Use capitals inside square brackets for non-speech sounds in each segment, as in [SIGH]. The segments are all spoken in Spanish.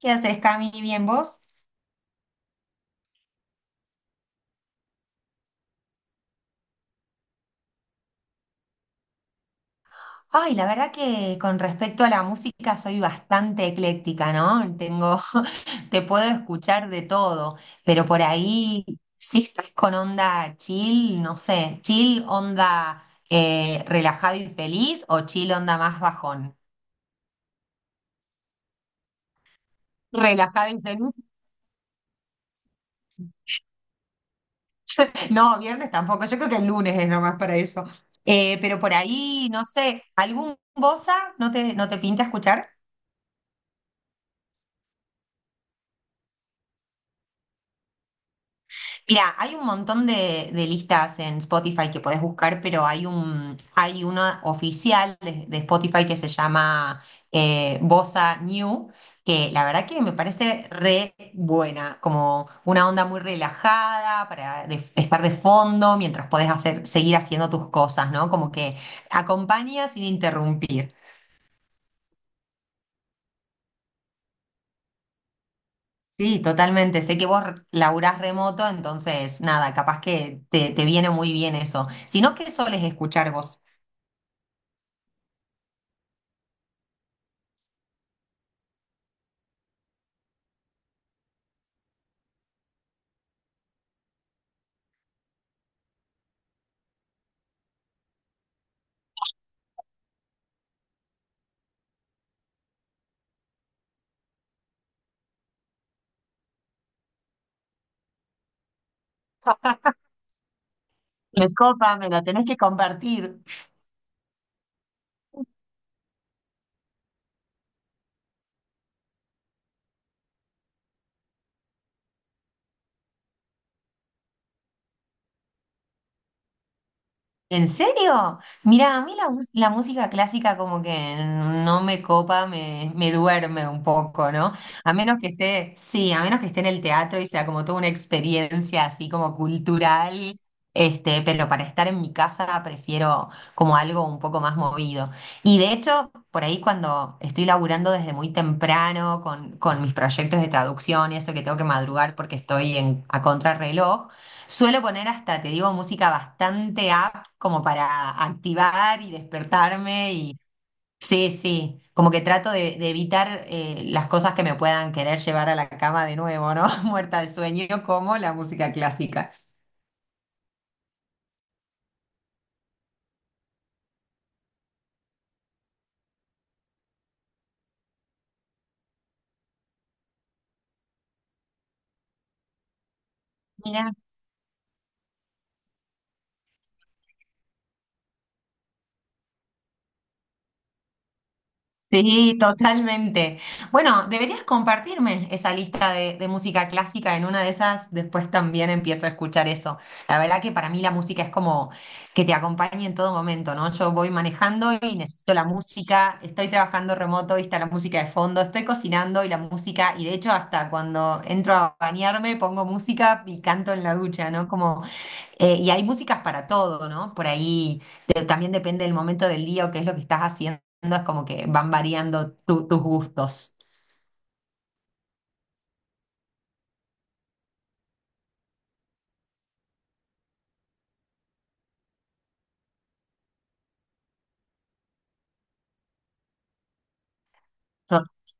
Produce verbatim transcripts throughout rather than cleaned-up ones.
¿Qué haces, Cami? ¿Bien vos? Ay, la verdad que con respecto a la música soy bastante ecléctica, ¿no? Tengo, [LAUGHS] te puedo escuchar de todo, pero por ahí si estás con onda chill, no sé, chill onda eh, relajado y feliz o chill onda más bajón. Relajado y feliz. No, viernes tampoco, yo creo que el lunes es nomás para eso. Eh, pero por ahí, no sé, ¿algún bossa no te, no te pinta escuchar? Mira, hay un montón de, de listas en Spotify que podés buscar, pero hay un, hay una oficial de, de Spotify que se llama eh, Bossa New, que la verdad que me parece re buena, como una onda muy relajada para de- estar de fondo mientras podés hacer, seguir haciendo tus cosas, ¿no? Como que acompaña sin interrumpir. Sí, totalmente. Sé que vos laburás remoto, entonces nada, capaz que te, te viene muy bien eso. Si no, ¿qué soles escuchar vos? Me copa, me lo tenés que compartir. ¿En serio? Mira, a mí la, mus- la música clásica como que no me copa, me, me duerme un poco, ¿no? A menos que esté, sí, a menos que esté en el teatro y sea como toda una experiencia así como cultural, este, pero para estar en mi casa prefiero como algo un poco más movido. Y de hecho, por ahí cuando estoy laburando desde muy temprano con, con mis proyectos de traducción y eso que tengo que madrugar porque estoy en, a contrarreloj, suelo poner hasta, te digo, música bastante up como para activar y despertarme y sí, sí, como que trato de, de evitar eh, las cosas que me puedan querer llevar a la cama de nuevo, ¿no? [LAUGHS] Muerta de sueño como la música clásica. Mirá. Sí, totalmente. Bueno, deberías compartirme esa lista de, de música clásica en una de esas, después también empiezo a escuchar eso. La verdad que para mí la música es como que te acompañe en todo momento, ¿no? Yo voy manejando y necesito la música, estoy trabajando remoto y está la música de fondo, estoy cocinando y la música, y de hecho hasta cuando entro a bañarme pongo música y canto en la ducha, ¿no? Como eh, y hay músicas para todo, ¿no? Por ahí de- también depende del momento del día o qué es lo que estás haciendo, es como que van variando tu- tus gustos. [LAUGHS]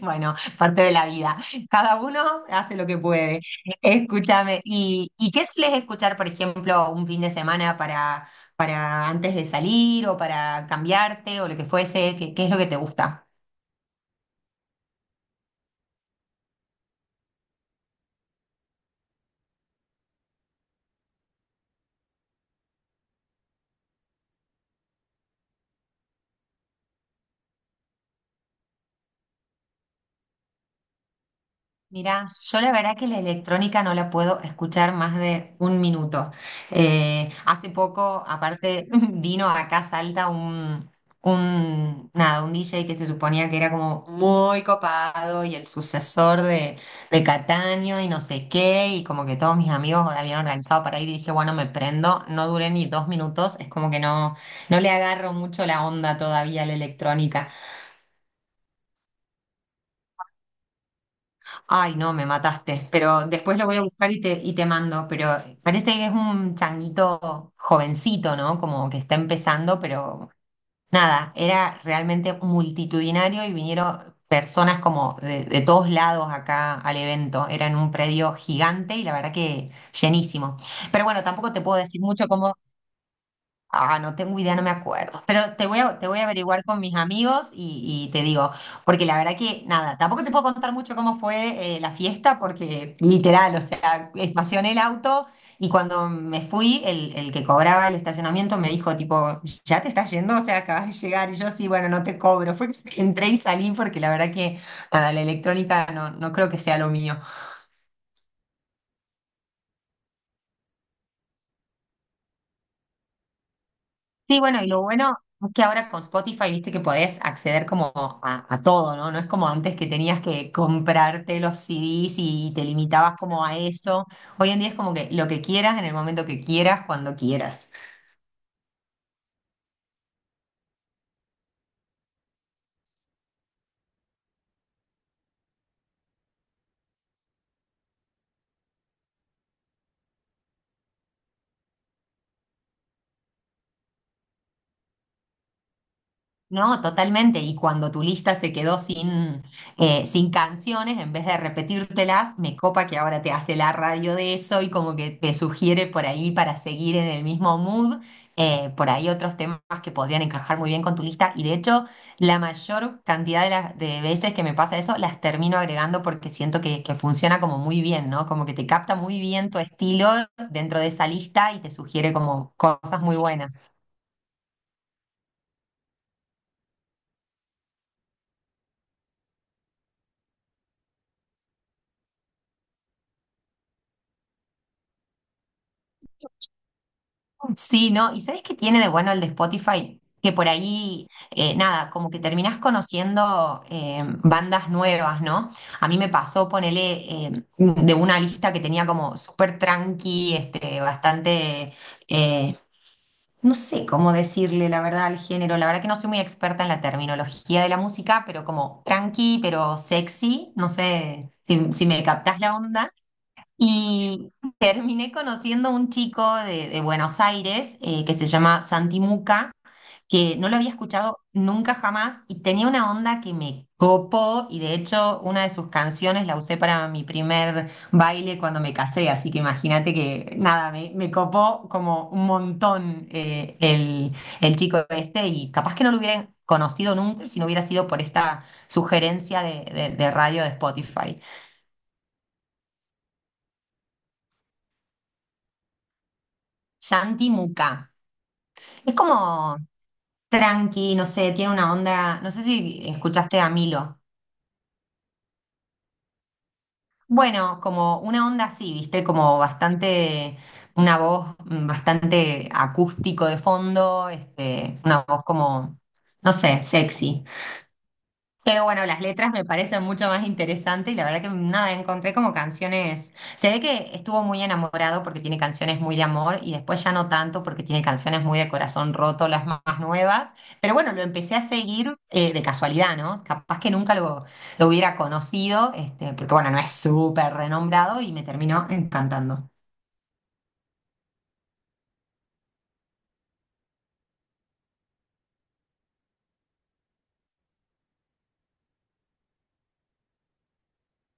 Bueno, parte de la vida. Cada uno hace lo que puede. Escúchame. ¿Y, y qué sueles escuchar, por ejemplo, un fin de semana para, para antes de salir o para cambiarte o lo que fuese? ¿Qué, qué es lo que te gusta? Mirá, yo la verdad que la electrónica no la puedo escuchar más de un minuto. Eh, hace poco, aparte, [LAUGHS] vino acá a Salta un, un, nada, un D J que se suponía que era como muy copado y el sucesor de, de Cataño y no sé qué, y como que todos mis amigos ahora habían organizado para ir y dije, bueno, me prendo, no duré ni dos minutos, es como que no, no le agarro mucho la onda todavía a la electrónica. Ay, no, me mataste, pero después lo voy a buscar y te, y te mando, pero parece que es un changuito jovencito, ¿no? Como que está empezando, pero nada, era realmente multitudinario y vinieron personas como de, de todos lados acá al evento, era en un predio gigante y la verdad que llenísimo. Pero bueno, tampoco te puedo decir mucho cómo. Ah, no tengo idea, no me acuerdo. Pero te voy a, te voy a averiguar con mis amigos y, y te digo, porque la verdad que nada, tampoco te puedo contar mucho cómo fue eh, la fiesta, porque literal, o sea, estacioné el auto y cuando me fui, el, el que cobraba el estacionamiento me dijo, tipo, ¿ya te estás yendo? O sea, acabas de llegar. Y yo, sí, bueno, no te cobro. [LAUGHS] Fue que entré y salí porque la verdad que nada, la electrónica no, no creo que sea lo mío. Sí, bueno, y lo bueno es que ahora con Spotify, viste que podés acceder como a, a todo, ¿no? No es como antes que tenías que comprarte los C Ds y te limitabas como a eso. Hoy en día es como que lo que quieras en el momento que quieras, cuando quieras. No, totalmente. Y cuando tu lista se quedó sin, eh, sin canciones, en vez de repetírtelas, me copa que ahora te hace la radio de eso y como que te sugiere por ahí para seguir en el mismo mood, eh, por ahí otros temas que podrían encajar muy bien con tu lista. Y de hecho, la mayor cantidad de, las- de veces que me pasa eso, las termino agregando porque siento que, que funciona como muy bien, ¿no? Como que te capta muy bien tu estilo dentro de esa lista y te sugiere como cosas muy buenas. Mm, sí, ¿no? ¿Y sabes qué tiene de bueno el de Spotify? Que por ahí, eh, nada, como que terminás conociendo eh, bandas nuevas, ¿no? A mí me pasó, ponele, eh, mm, de una lista que tenía como súper tranqui, este, bastante, eh, no sé cómo decirle la verdad al género, la verdad que no soy muy experta en la terminología de la música, pero como tranqui, pero sexy, no sé si, si me captás la onda. Y terminé conociendo a un chico de, de Buenos Aires eh, que se llama Santi Muca, que no lo había escuchado nunca jamás y tenía una onda que me copó y de hecho una de sus canciones la usé para mi primer baile cuando me casé, así que imagínate que nada, me, me copó como un montón eh, el, el chico este y capaz que no lo hubiera conocido nunca si no hubiera sido por esta sugerencia de, de de radio de Spotify. Santi Muca. Es como tranqui, no sé, tiene una onda, no sé si escuchaste a Milo. Bueno, como una onda así, viste, como bastante, una voz mm, bastante acústico de fondo, este, una voz como, no sé, sexy. Pero bueno, las letras me parecen mucho más interesantes y la verdad que nada, encontré como canciones. Se ve que estuvo muy enamorado porque tiene canciones muy de amor y después ya no tanto porque tiene canciones muy de corazón roto, las más más nuevas. Pero bueno, lo empecé a seguir eh, de casualidad, ¿no? Capaz que nunca lo, lo hubiera conocido, este, porque bueno, no es súper renombrado y me terminó encantando.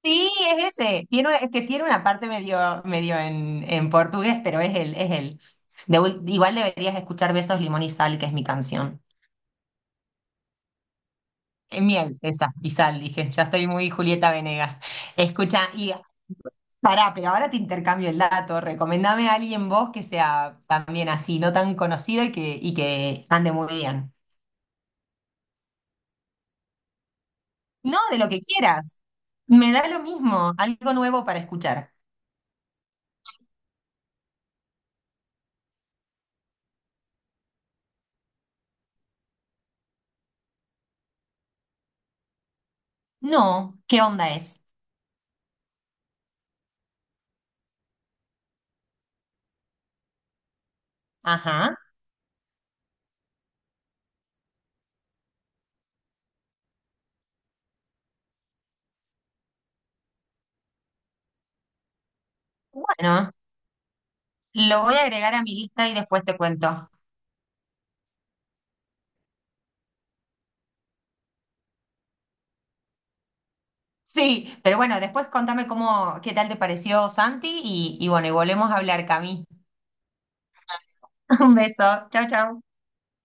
Sí, es ese. Tiene, una- es que tiene una parte medio, medio en, en portugués, pero es él, es él. De ul- igual deberías escuchar Besos, Limón y Sal, que es mi canción. Eh, miel, esa, y sal, dije. Ya estoy muy Julieta Venegas. Escucha, y pará, pero ahora te intercambio el dato. Recomendame a alguien vos que sea también así, no tan conocido y que, y que ande muy bien. No, de lo que quieras. Me da lo mismo, algo nuevo para escuchar. No, ¿qué onda es? Ajá. Bueno. Lo voy a agregar a mi lista y después te cuento. Sí, pero bueno, después contame cómo, qué tal te pareció Santi y, y bueno, y volvemos a hablar, Cami. [LAUGHS] Un beso. Chau, chau.